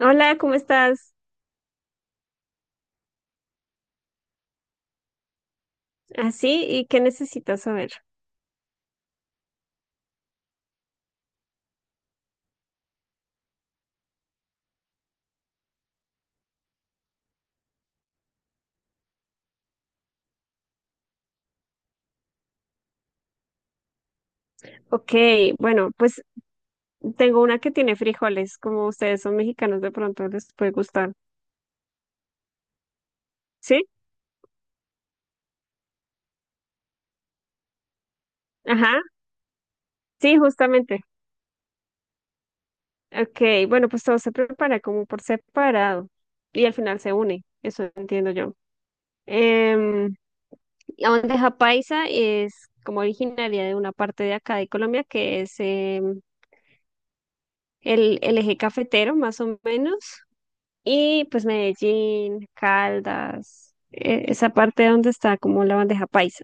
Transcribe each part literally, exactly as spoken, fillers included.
Hola, ¿cómo estás? ¿Así? ¿Y qué necesitas saber? Ok, bueno, pues tengo una que tiene frijoles, como ustedes son mexicanos, de pronto les puede gustar. ¿Sí? Ajá, sí, justamente. Ok, bueno, pues todo se prepara como por separado y al final se une, eso entiendo yo. Em, la bandeja paisa es como originaria de una parte de acá de Colombia, que es em, el el eje cafetero, más o menos. Y pues Medellín, Caldas, eh, esa parte donde está como la bandeja paisa.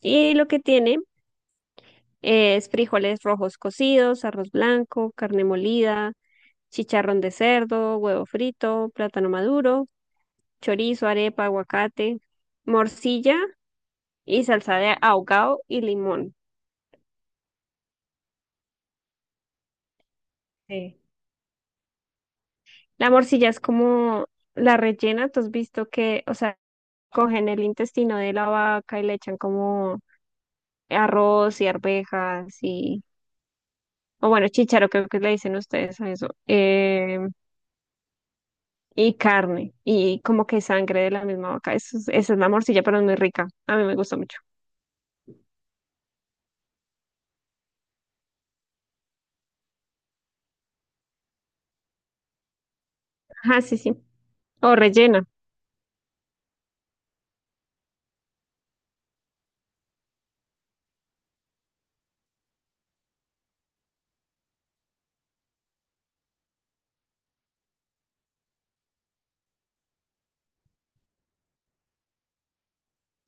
Y lo que tiene eh, es frijoles rojos cocidos, arroz blanco, carne molida, chicharrón de cerdo, huevo frito, plátano maduro, chorizo, arepa, aguacate, morcilla y salsa de ahogado y limón. Sí. La morcilla es como la rellena, tú has visto que, o sea, cogen el intestino de la vaca y le echan como arroz y arvejas y, o bueno, chícharo creo que le dicen ustedes a eso, eh, y carne y como que sangre de la misma vaca. Eso es- esa es la morcilla, pero es muy rica. A mí me gusta mucho. Ajá, sí, sí. O rellena.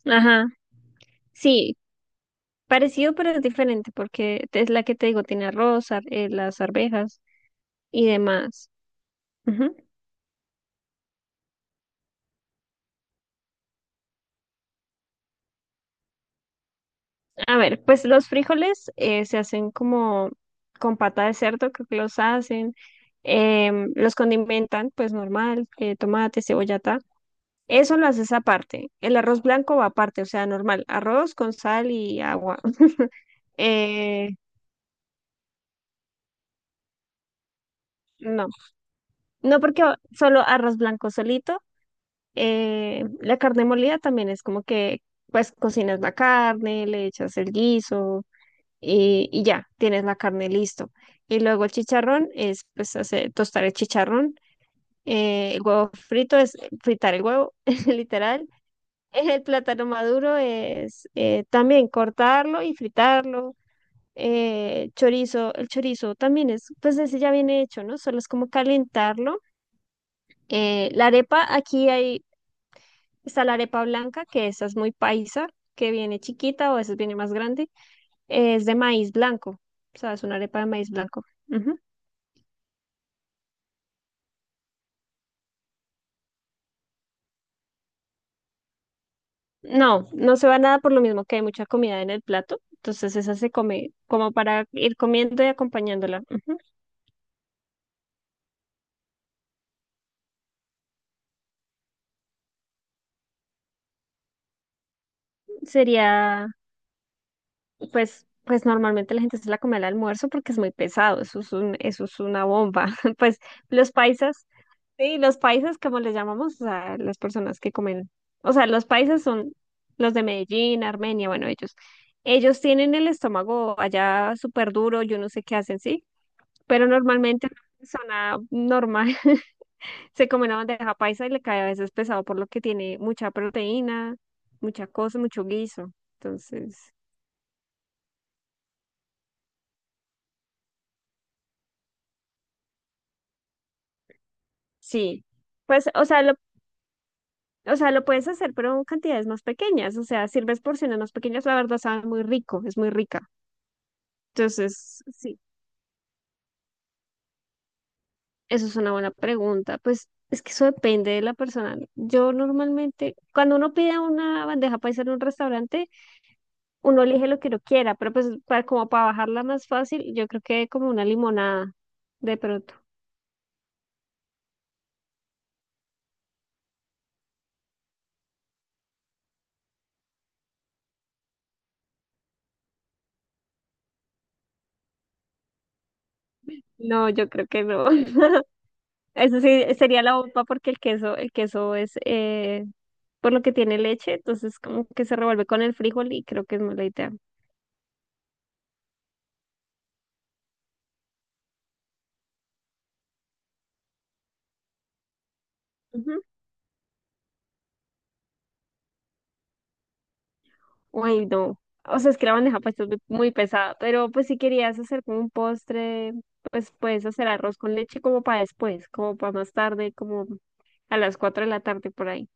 Ajá. Sí, parecido, pero es diferente porque es la que te digo, tiene arroz, ar- eh, las arvejas y demás. A ver, pues los frijoles eh, se hacen como con pata de cerdo, creo que los hacen, em, los condimentan, pues normal, eh, tomate, cebolla, ta. Eso lo haces aparte. El arroz blanco va aparte, o sea, normal, arroz con sal y agua. Eh, no, no porque solo arroz blanco solito. eh, la carne molida también es como que, pues cocinas la carne, le echas el guiso, y, y ya, tienes la carne listo. Y luego el chicharrón es pues hacer, tostar el chicharrón, eh, el huevo frito es eh, fritar el huevo, literal. El plátano maduro es eh, también cortarlo y fritarlo. Eh, chorizo, el chorizo también es, pues ese ya viene hecho, ¿no? Solo es como calentarlo. Eh, la arepa, aquí hay, está la arepa blanca, que esa es muy paisa, que viene chiquita o a veces viene más grande. Es de maíz blanco, o sea, es una arepa de maíz blanco. Ujú. No, no se va nada por lo mismo que hay mucha comida en el plato. Entonces esa se come como para ir comiendo y acompañándola. Ujú. Sería, pues, pues normalmente la gente se la come al almuerzo porque es muy pesado. Eso es un, eso es una bomba. Pues los paisas, sí, los paisas como les llamamos, o sea, las personas que comen, o sea, los paisas son los de Medellín, Armenia, bueno, ellos, ellos tienen el estómago allá súper duro, yo no sé qué hacen, sí, pero normalmente una persona normal. Se come una bandeja paisa y le cae a veces pesado por lo que tiene mucha proteína, mucha cosa, mucho guiso. Entonces, sí. Pues, o sea, lo, o sea, lo puedes hacer, pero en cantidades más pequeñas. O sea, sirves porciones más pequeñas, la verdad sabe muy rico, es muy rica. Entonces, sí, eso es una buena pregunta. Pues es que eso depende de la persona. Yo normalmente, cuando uno pide una bandeja paisa en un restaurante, uno elige lo que uno quiera, pero pues para, como para bajarla más fácil, yo creo que como una limonada. De pronto. No, yo creo que no. Eso sí sería la bomba porque el queso, el queso es eh, por lo que tiene leche, entonces como que se revuelve con el frijol y creo que es mala idea. Ujú. Ay, no. O sea, es que la bandeja paisa es muy muy pesada, pero pues si querías hacer como un postre, pues puedes hacer arroz con leche como para después, como para más tarde, como a las cuatro de la tarde por ahí.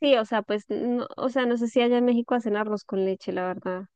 Sí, o sea, pues, no, o sea, no sé si allá en México hacen arroz con leche, la verdad.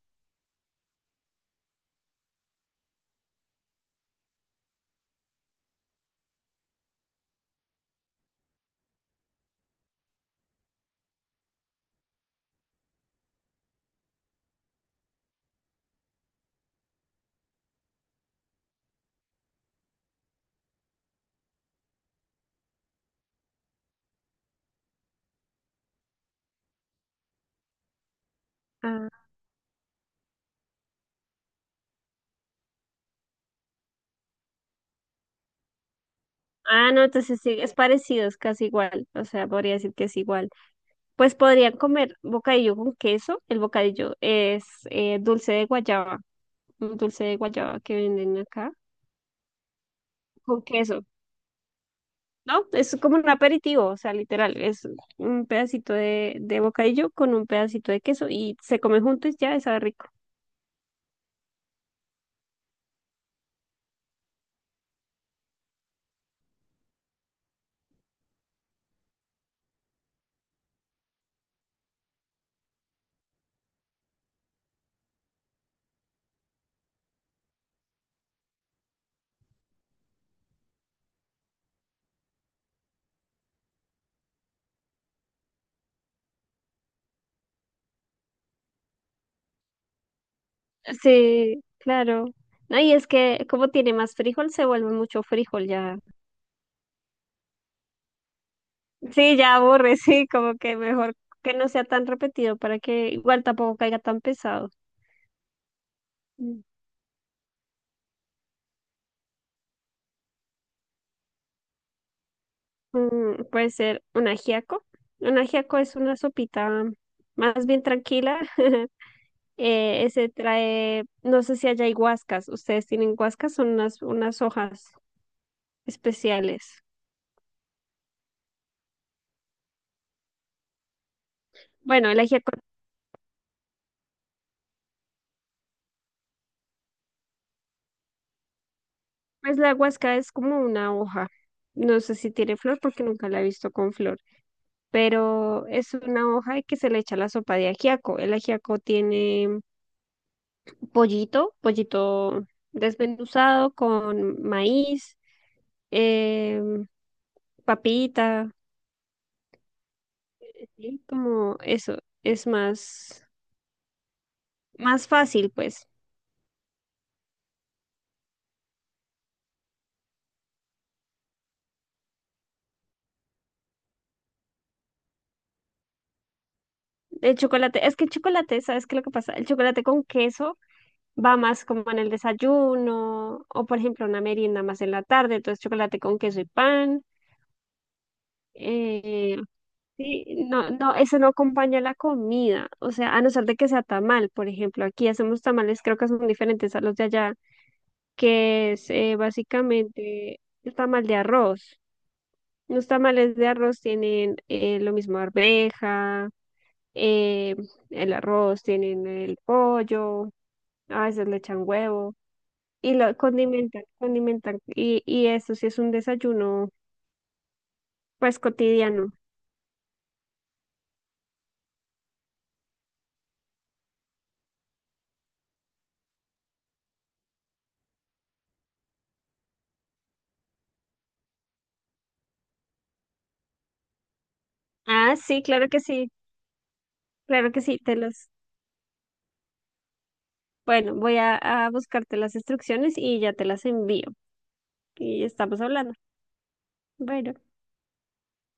Ah, ah, no, entonces sí, es parecido, es casi igual, o sea, podría decir que es igual. Pues podrían comer bocadillo con queso, el bocadillo es eh, dulce de guayaba, un dulce de guayaba que venden acá, con queso, ¿no? Es como un aperitivo, o sea, literal, es un pedacito de, de bocadillo con un pedacito de queso y se come juntos y ya, y sabe rico. Sí, claro. No, y es que como tiene más frijol, se vuelve mucho frijol ya. Sí, ya aburre, sí, como que mejor que no sea tan repetido para que igual tampoco caiga tan pesado. Mm. Mm, puede ser un ajiaco. Un ajiaco es una sopita más bien tranquila. Eh, ese trae, no sé si haya huascas. Ustedes tienen huascas, son unas, unas hojas especiales. Bueno, el ajiaco, pues la huasca es como una hoja. No sé si tiene flor porque nunca la he visto con flor. Pero es una hoja que se le echa a la sopa de ajiaco. El ajiaco tiene pollito, pollito desmenuzado con maíz, eh, papita, sí, como eso, es más, más fácil, pues. El chocolate, es que el chocolate, ¿sabes qué es lo que pasa? El chocolate con queso va más como en el desayuno o, por ejemplo, una merienda más en la tarde, entonces chocolate con queso y pan. eh, Sí, no, no, eso no acompaña la comida, o sea, a no ser de que sea tamal, por ejemplo, aquí hacemos tamales, creo que son diferentes a los de allá, que es eh, básicamente el tamal de arroz. Los tamales de arroz tienen eh, lo mismo arveja, eh, el arroz, tienen el pollo, a veces le echan huevo y lo condimentan, condimentan, y, y eso sí es un desayuno, pues cotidiano. Ah, sí, claro que sí, claro que sí, te los... Bueno, voy a, a buscarte las instrucciones y ya te las envío. Y estamos hablando. Bueno.